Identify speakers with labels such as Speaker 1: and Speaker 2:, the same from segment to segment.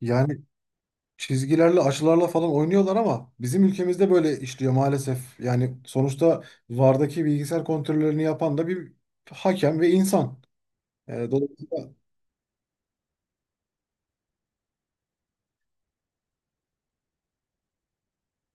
Speaker 1: Yani çizgilerle, açılarla falan oynuyorlar ama bizim ülkemizde böyle işliyor maalesef. Yani sonuçta VAR'daki bilgisayar kontrollerini yapan da bir hakem ve insan. Dolayısıyla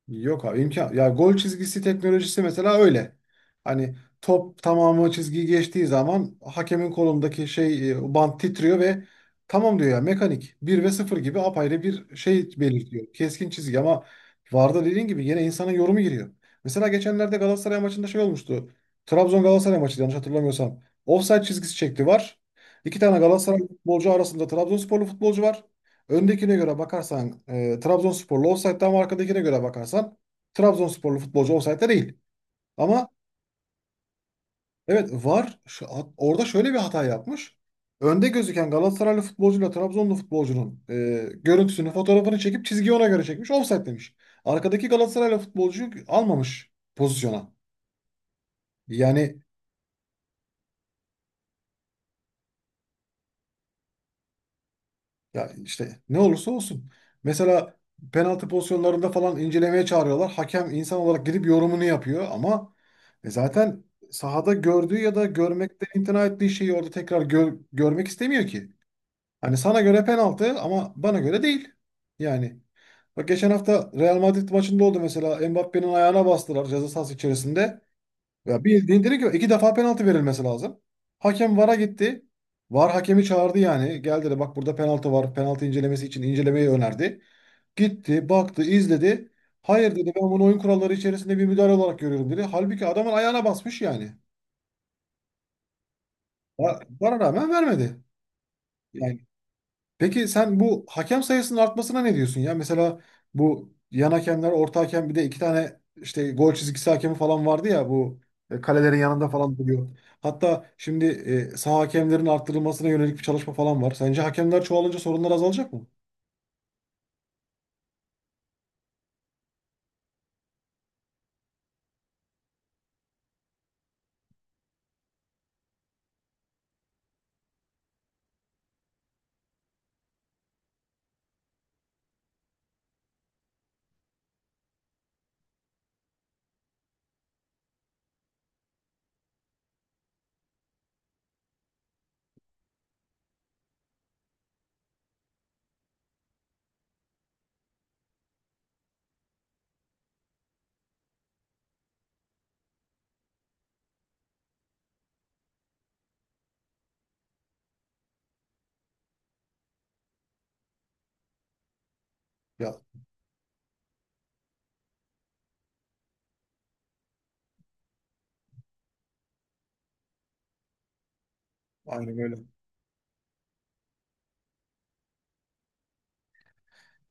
Speaker 1: yok abi imkan. Ya gol çizgisi teknolojisi mesela öyle. Hani top tamamı çizgiyi geçtiği zaman hakemin kolundaki şey bant titriyor ve tamam diyor ya mekanik bir ve sıfır gibi apayrı bir şey belirtiyor. Keskin çizgi ama VAR'da dediğin gibi yine insanın yorumu giriyor. Mesela geçenlerde Galatasaray maçında şey olmuştu. Trabzon Galatasaray maçı yanlış hatırlamıyorsam. Offside çizgisi çekti var. İki tane Galatasaray futbolcu arasında Trabzonsporlu futbolcu var. Öndekine göre bakarsan Trabzonsporlu ofsaytta ama arkadakine göre bakarsan Trabzonsporlu futbolcu ofsaytta değil. Ama evet VAR orada şöyle bir hata yapmış. Önde gözüken Galatasaraylı futbolcuyla Trabzonlu futbolcunun görüntüsünü, fotoğrafını çekip çizgiyi ona göre çekmiş, ofsayt demiş. Arkadaki Galatasaraylı futbolcuyu almamış pozisyona. Yani ya işte ne olursa olsun. Mesela penaltı pozisyonlarında falan incelemeye çağırıyorlar. Hakem insan olarak gidip yorumunu yapıyor ama zaten sahada gördüğü ya da görmekten imtina ettiği şeyi orada tekrar görmek istemiyor ki. Hani sana göre penaltı ama bana göre değil. Yani bak geçen hafta Real Madrid maçında oldu mesela Mbappé'nin ayağına bastılar ceza sahası içerisinde. Ya bildiğin direkt yok. İki defa penaltı verilmesi lazım. Hakem VAR'a gitti. VAR hakemi çağırdı yani. Gel dedi bak burada penaltı var. Penaltı incelemesi için incelemeyi önerdi. Gitti, baktı, izledi. Hayır dedi ben bunu oyun kuralları içerisinde bir müdahale olarak görüyorum dedi. Halbuki adamın ayağına basmış yani. VAR'a rağmen vermedi. Yani peki sen bu hakem sayısının artmasına ne diyorsun ya? Mesela bu yan hakemler, orta hakem bir de iki tane işte gol çizgisi hakemi falan vardı ya bu kalelerin yanında falan duruyor. Hatta şimdi saha hakemlerin arttırılmasına yönelik bir çalışma falan var. Sence hakemler çoğalınca sorunlar azalacak mı? Ya aynen öyle.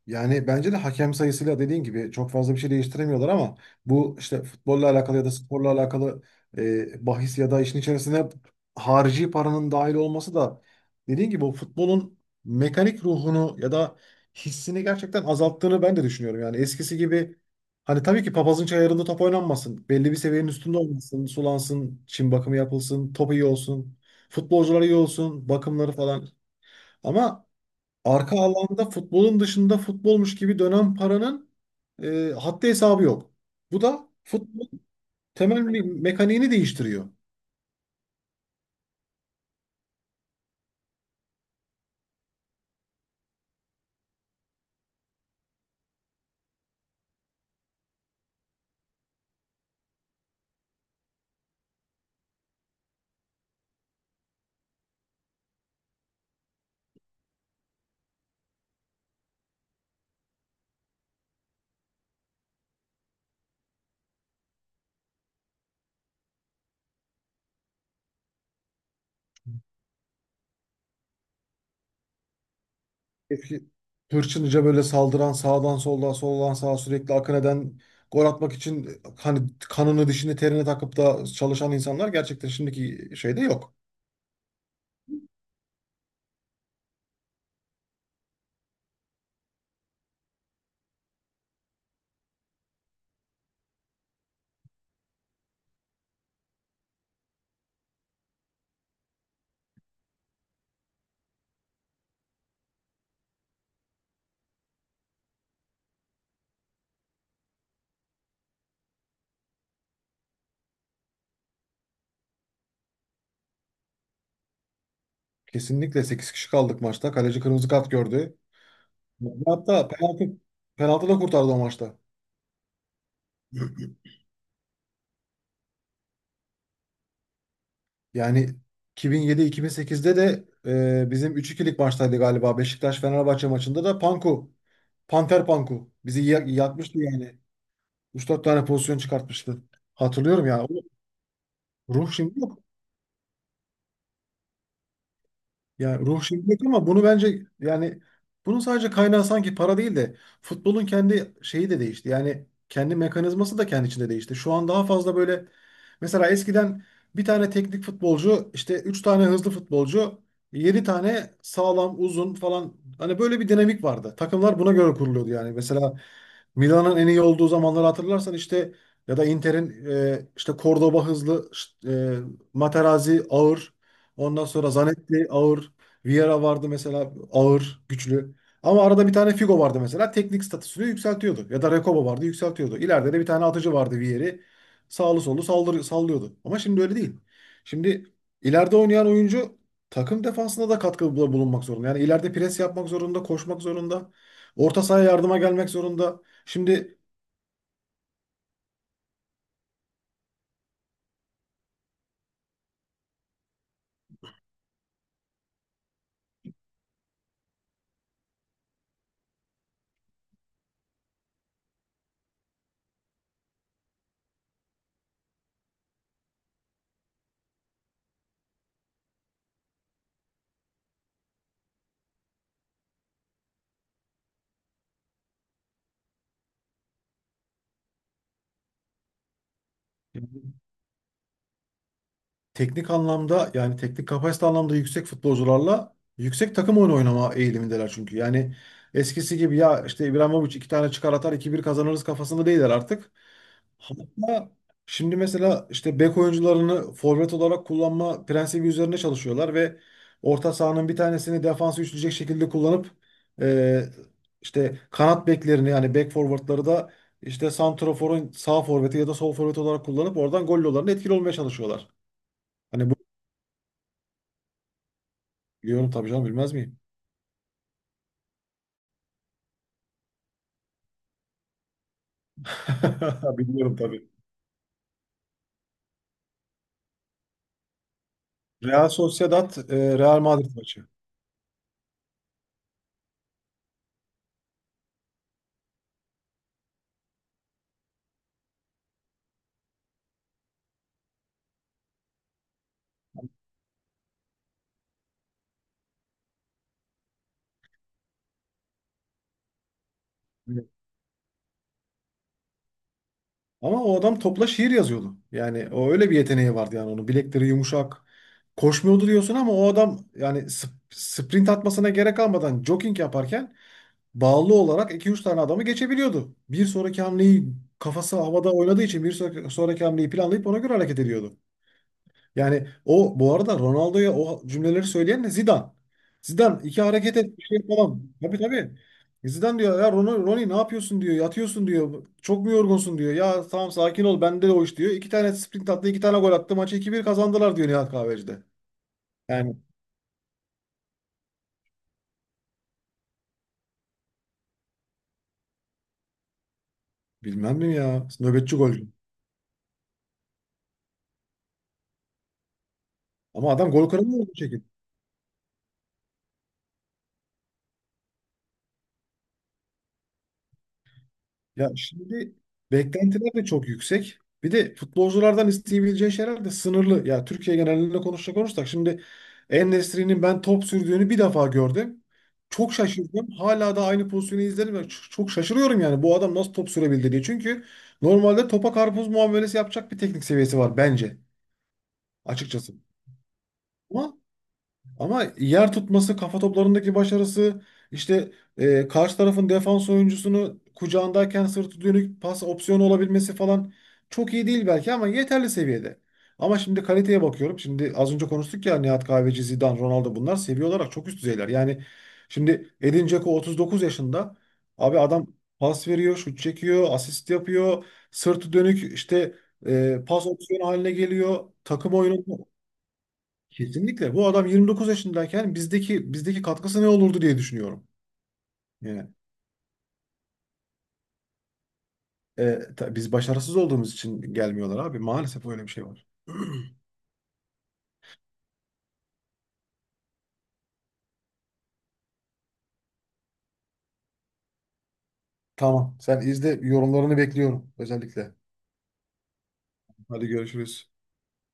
Speaker 1: Yani bence de hakem sayısıyla dediğin gibi çok fazla bir şey değiştiremiyorlar ama bu işte futbolla alakalı ya da sporla alakalı bahis ya da işin içerisine harici paranın dahil olması da dediğin gibi o futbolun mekanik ruhunu ya da hissini gerçekten azalttığını ben de düşünüyorum. Yani eskisi gibi hani tabii ki papazın çayırında top oynanmasın. Belli bir seviyenin üstünde olmasın, sulansın, çim bakımı yapılsın, top iyi olsun, futbolcular iyi olsun, bakımları falan. Ama arka alanda futbolun dışında futbolmuş gibi dönen paranın haddi hesabı yok. Bu da futbol temel mekaniğini değiştiriyor. Eski hırçınca böyle saldıran sağdan soldan soldan sağa sürekli akın eden gol atmak için hani kanını dişini terine takıp da çalışan insanlar gerçekten şimdiki şeyde yok. Kesinlikle sekiz kişi kaldık maçta. Kaleci kırmızı kart gördü. Hatta penaltı da kurtardı o maçta. Yani 2007-2008'de de bizim 3-2'lik maçtaydı galiba. Beşiktaş-Fenerbahçe maçında da Panku, Panter Panku bizi yakmıştı yani. Üç dört tane pozisyon çıkartmıştı. Hatırlıyorum ya. O ruh şimdi yok. Ya ruh şirket ama bunu bence yani bunun sadece kaynağı sanki para değil de futbolun kendi şeyi de değişti. Yani kendi mekanizması da kendi içinde değişti. Şu an daha fazla böyle mesela eskiden bir tane teknik futbolcu işte 3 tane hızlı futbolcu 7 tane sağlam uzun falan hani böyle bir dinamik vardı. Takımlar buna göre kuruluyordu yani. Mesela Milan'ın en iyi olduğu zamanları hatırlarsan işte ya da Inter'in işte Cordoba hızlı, Materazzi ağır, ondan sonra Zanetti ağır. Vieira vardı mesela ağır, güçlü. Ama arada bir tane Figo vardı mesela teknik statüsünü yükseltiyordu. Ya da Recoba vardı yükseltiyordu. İleride de bir tane atıcı vardı Vieri. Sağlı sollu sallıyordu. Ama şimdi öyle değil. Şimdi ileride oynayan oyuncu takım defansında da katkıda bulunmak zorunda. Yani ileride pres yapmak zorunda, koşmak zorunda. Orta sahaya yardıma gelmek zorunda. Şimdi teknik anlamda yani teknik kapasite anlamda yüksek futbolcularla yüksek takım oyunu oynama eğilimindeler çünkü. Yani eskisi gibi ya işte İbrahimovic iki tane çıkar atar 2-1 kazanırız kafasında değiller artık. Hatta şimdi mesela işte bek oyuncularını forvet olarak kullanma prensibi üzerine çalışıyorlar ve orta sahanın bir tanesini defansı üçleyecek şekilde kullanıp e, işte kanat beklerini yani bek forvetleri da işte santraforun sağ forveti ya da sol forveti olarak kullanıp oradan gol yollarına etkili olmaya çalışıyorlar. Hani biliyorum tabii canım, bilmez miyim? Biliyorum tabii. Real Sociedad, Real Madrid maçı. Evet. Ama o adam topla şiir yazıyordu. Yani o öyle bir yeteneği vardı yani onun. Bilekleri yumuşak. Koşmuyordu diyorsun ama o adam yani sprint atmasına gerek kalmadan jogging yaparken bağlı olarak iki üç tane adamı geçebiliyordu. Bir sonraki hamleyi kafası havada oynadığı için bir sonraki, hamleyi planlayıp ona göre hareket ediyordu. Yani o bu arada Ronaldo'ya o cümleleri söyleyen de Zidane. Zidane iki hareket et bir şey falan. Tabii tabii. Zidane diyor ya Ronnie, Ronnie ne yapıyorsun diyor. Yatıyorsun diyor. Çok mu yorgunsun diyor. Ya tamam sakin ol bende de o iş diyor. İki tane sprint attı iki tane gol attı. Maçı 2-1 kazandılar diyor Nihat Kahveci'de. Yani bilmem mi ya. Nöbetçi golcü. Ama adam gol kralı oldu. Ya şimdi beklentiler de çok yüksek. Bir de futbolculardan isteyebileceği şeyler de sınırlı. Ya Türkiye genelinde konuşacak olursak şimdi En-Nesyri'nin ben top sürdüğünü bir defa gördüm. Çok şaşırdım. Hala da aynı pozisyonu izlerim ve çok şaşırıyorum yani bu adam nasıl top sürebildi diye. Çünkü normalde topa karpuz muamelesi yapacak bir teknik seviyesi var bence açıkçası. Ama ama yer tutması, kafa toplarındaki başarısı, işte karşı tarafın defans oyuncusunu kucağındayken sırtı dönük pas opsiyonu olabilmesi falan çok iyi değil belki ama yeterli seviyede. Ama şimdi kaliteye bakıyorum. Şimdi az önce konuştuk ya Nihat Kahveci, Zidane, Ronaldo bunlar seviye olarak çok üst düzeyler. Yani şimdi Edin Dzeko 39 yaşında. Abi adam pas veriyor, şut çekiyor, asist yapıyor. Sırtı dönük işte pas opsiyonu haline geliyor. Takım oyunu. Kesinlikle. Bu adam 29 yaşındayken bizdeki katkısı ne olurdu diye düşünüyorum. Yani biz başarısız olduğumuz için gelmiyorlar abi. Maalesef öyle bir şey var. Tamam. Sen izle yorumlarını bekliyorum özellikle. Hadi görüşürüz.